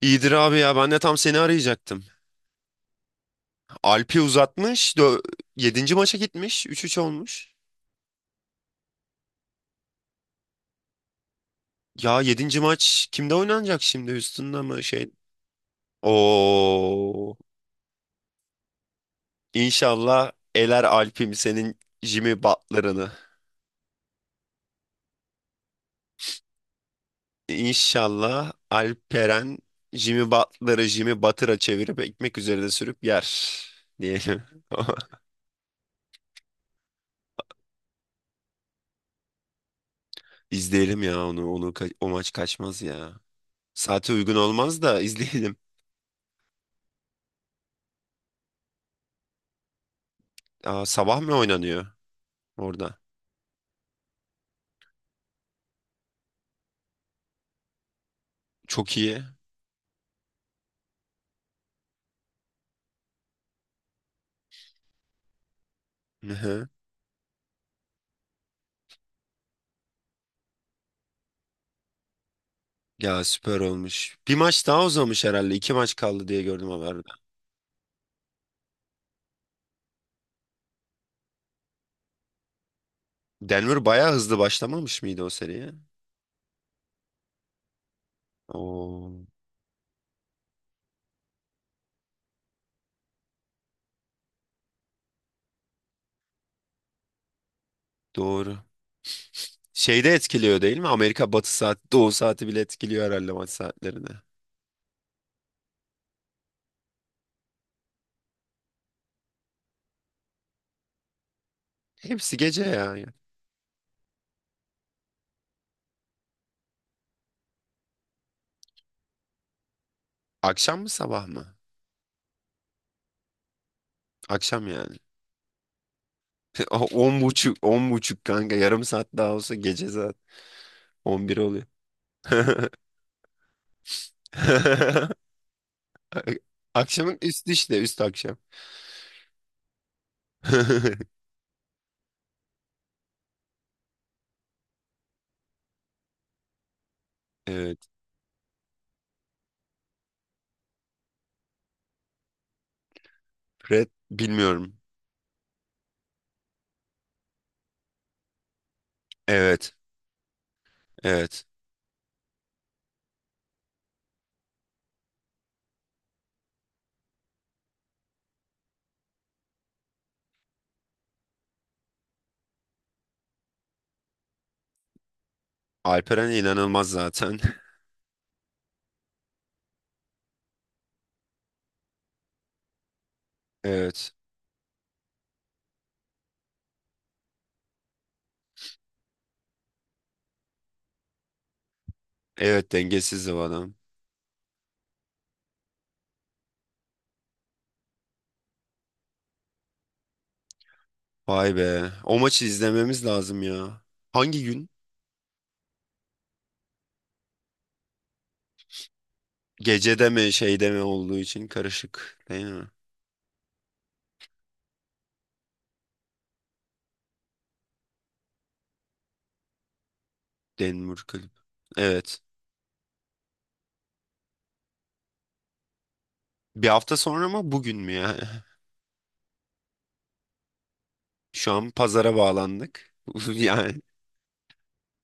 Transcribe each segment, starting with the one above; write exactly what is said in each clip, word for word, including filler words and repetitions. İyidir abi ya ben de tam seni arayacaktım. Alp'i uzatmış. Yedinci maça gitmiş. Üç üç olmuş. Ya yedinci maç kimde oynanacak şimdi? Houston'da mı şey? Oo. İnşallah eler Alp'im senin Jimmy Butler'ını. İnşallah Alperen Jimmy Butler'ı Jimmy Butter'a çevirip ekmek üzerine sürüp yer diyelim. İzleyelim ya onu. Onu ka- o maç kaçmaz ya. Saate uygun olmaz da izleyelim. Aa, sabah mı oynanıyor orada? Çok iyi. Hı hı. Ya süper olmuş. Bir maç daha uzamış herhalde. İki maç kaldı diye gördüm haberde. Denver bayağı hızlı başlamamış mıydı o seriye? Oo, doğru. Şeyde etkiliyor değil mi? Amerika batı saat, doğu saati bile etkiliyor herhalde maç saatlerini. Hepsi gece ya. Akşam mı sabah mı? Akşam yani. O- On buçuk, on buçuk kanka. Yarım saat daha olsa gece saat on bir oluyor. Akşamın üstü işte, üst akşam. Evet. Red bilmiyorum. Evet. Evet. Alperen inanılmaz zaten. Evet. Evet, dengesiz bu adam. Vay be. O maçı izlememiz lazım ya. Hangi gün? Gecede mi şeyde mi olduğu için karışık değil mi? Denver kulüp. Evet. Bir hafta sonra mı bugün mü ya? Şu an pazara bağlandık. Yani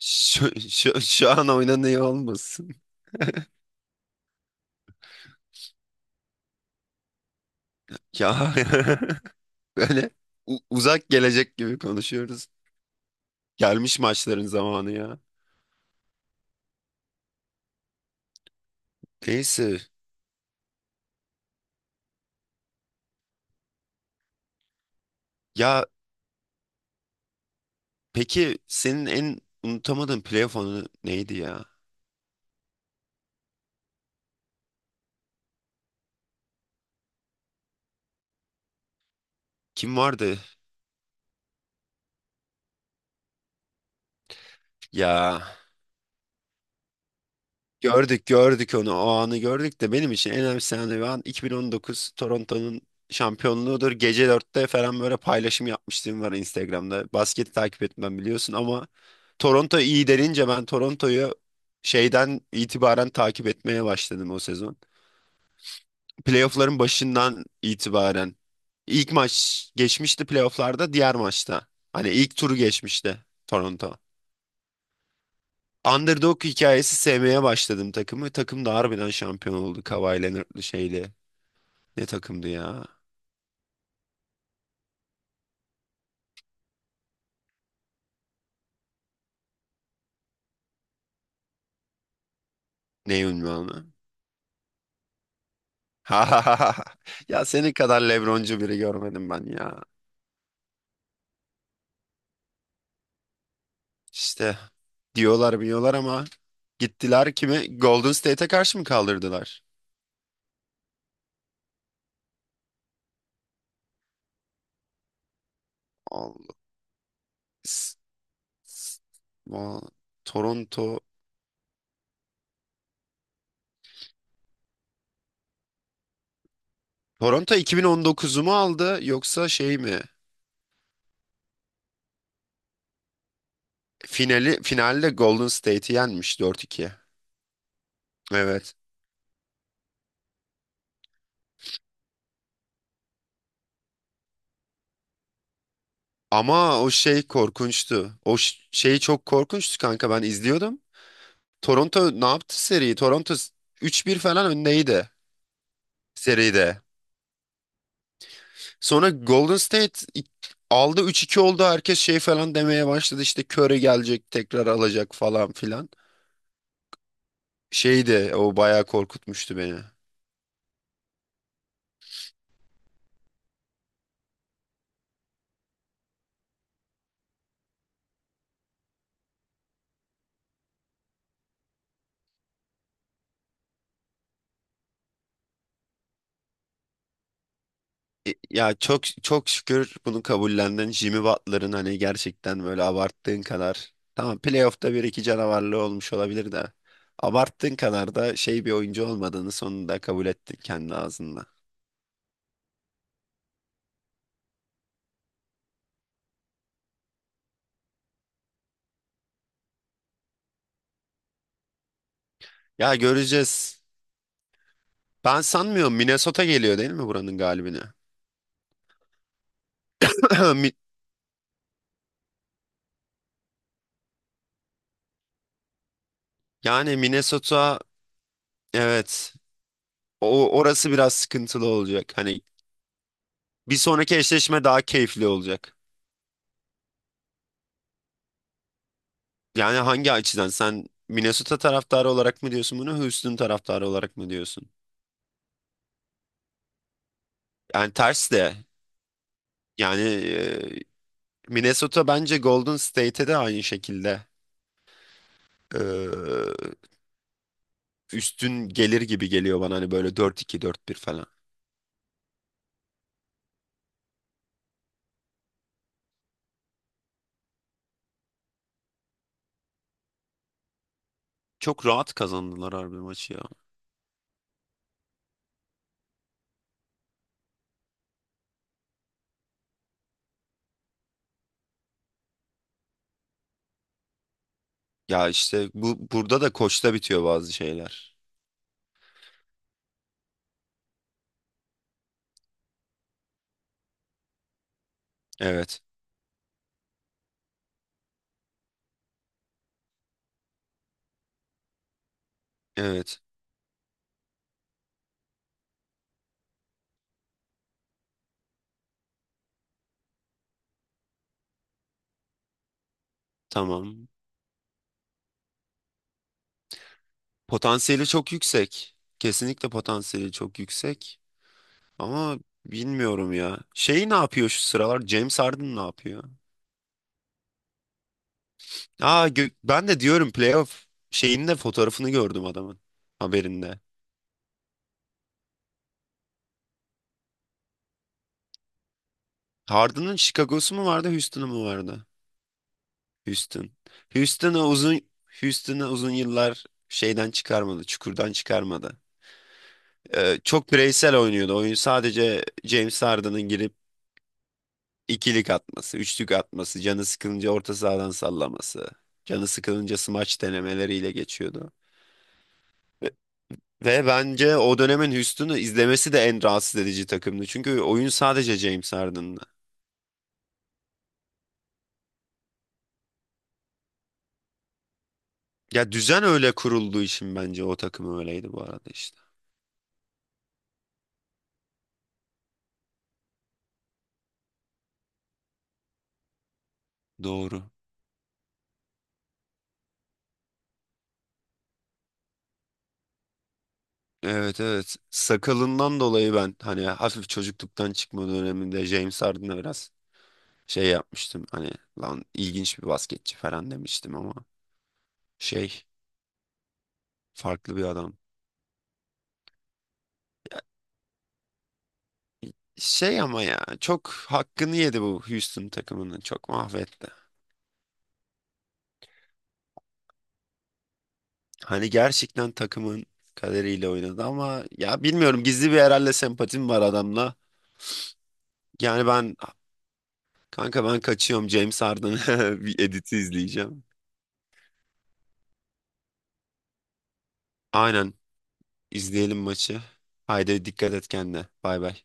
şu, şu, şu an oynanıyor olmasın. Ya böyle u- uzak gelecek gibi konuşuyoruz. Gelmiş maçların zamanı ya. Neyse. Ya peki senin en unutamadığın playoff anı neydi ya? Kim vardı? Ya gördük gördük onu, o anı gördük de benim için en önemlisi anı ve an iki bin on dokuz Toronto'nun şampiyonluğudur. Gece dörtte falan böyle paylaşım yapmıştım var Instagram'da. Basketi takip etmem biliyorsun ama Toronto iyi denince ben Toronto'yu şeyden itibaren takip etmeye başladım o sezon. Playoff'ların başından itibaren ilk maç geçmişti playoff'larda diğer maçta. Hani ilk turu geçmişti Toronto. Underdog hikayesi sevmeye başladım takımı. Takım da harbiden şampiyon oldu. Kawhi Leonard'lı şeyli. Ne takımdı ya? Ne ünvanı? Ha ha ha, ha. Ya senin kadar LeBroncu biri görmedim ben ya. İşte diyorlar, biliyorlar ama gittiler kimi? Golden State'e karşı mı kaldırdılar? Allah. S- s- Va- Toronto Toronto iki bin on dokuzu mu aldı yoksa şey mi? Finali finalde Golden State'i yenmiş dört iki. Evet. Ama o şey korkunçtu. O ş- şey çok korkunçtu kanka, ben izliyordum. Toronto ne yaptı seriyi? Toronto s- üç bir falan öndeydi seride. Sonra Golden State i- aldı, üç iki oldu, herkes şey falan demeye başladı. İşte Curry gelecek, tekrar alacak falan filan. Şeydi o, bayağı korkutmuştu beni. E, Ya çok çok şükür bunu kabullendin. Jimmy Butler'ın hani gerçekten böyle abarttığın kadar. Tamam, playoff'ta bir iki canavarlığı olmuş olabilir de. Abarttığın kadar da şey bir oyuncu olmadığını sonunda kabul ettin kendi ağzında. Ya göreceğiz. Ben sanmıyorum, Minnesota geliyor değil mi buranın galibine? Mi- Yani Minnesota, evet o orası biraz sıkıntılı olacak. Hani bir sonraki eşleşme daha keyifli olacak. Yani hangi açıdan sen Minnesota taraftarı olarak mı diyorsun bunu, Houston taraftarı olarak mı diyorsun? Yani ters de yani e, Minnesota bence Golden State'e de aynı şekilde e, üstün gelir gibi geliyor bana hani böyle dört iki dört bir falan. Çok rahat kazandılar harbi maçı ya. Ya işte bu, burada da koçta bitiyor bazı şeyler. Evet. Evet. Tamam. Potansiyeli çok yüksek. Kesinlikle potansiyeli çok yüksek. Ama bilmiyorum ya. Şey ne yapıyor şu sıralar? James Harden ne yapıyor? Aa, gö- ben de diyorum playoff şeyinde fotoğrafını gördüm adamın haberinde. Harden'ın Chicago'su mu vardı, Houston'u mu vardı? Houston. Houston'a uzun Houston'a uzun yıllar şeyden çıkarmadı, çukurdan çıkarmadı. Ee, çok bireysel oynuyordu. Oyun sadece James Harden'ın girip ikilik atması, üçlük atması, canı sıkılınca orta sahadan sallaması, canı sıkılınca smaç denemeleriyle geçiyordu. Ve bence o dönemin Houston'u izlemesi de en rahatsız edici takımdı. Çünkü oyun sadece James Harden'la. Ya düzen öyle kurulduğu için bence o takım öyleydi bu arada işte. Doğru. Evet evet. Sakalından dolayı ben hani hafif çocukluktan çıkma döneminde James Harden'a biraz şey yapmıştım. Hani lan ilginç bir basketçi falan demiştim ama şey farklı bir adam. Şey ama ya çok hakkını yedi bu Houston takımının. Çok mahvetti. Hani gerçekten takımın kaderiyle oynadı ama ya bilmiyorum, gizli bir herhalde sempatim var adamla. Yani ben, kanka ben kaçıyorum, James Harden bir editi izleyeceğim. Aynen izleyelim maçı. Haydi, dikkat et kendine. Bay bay.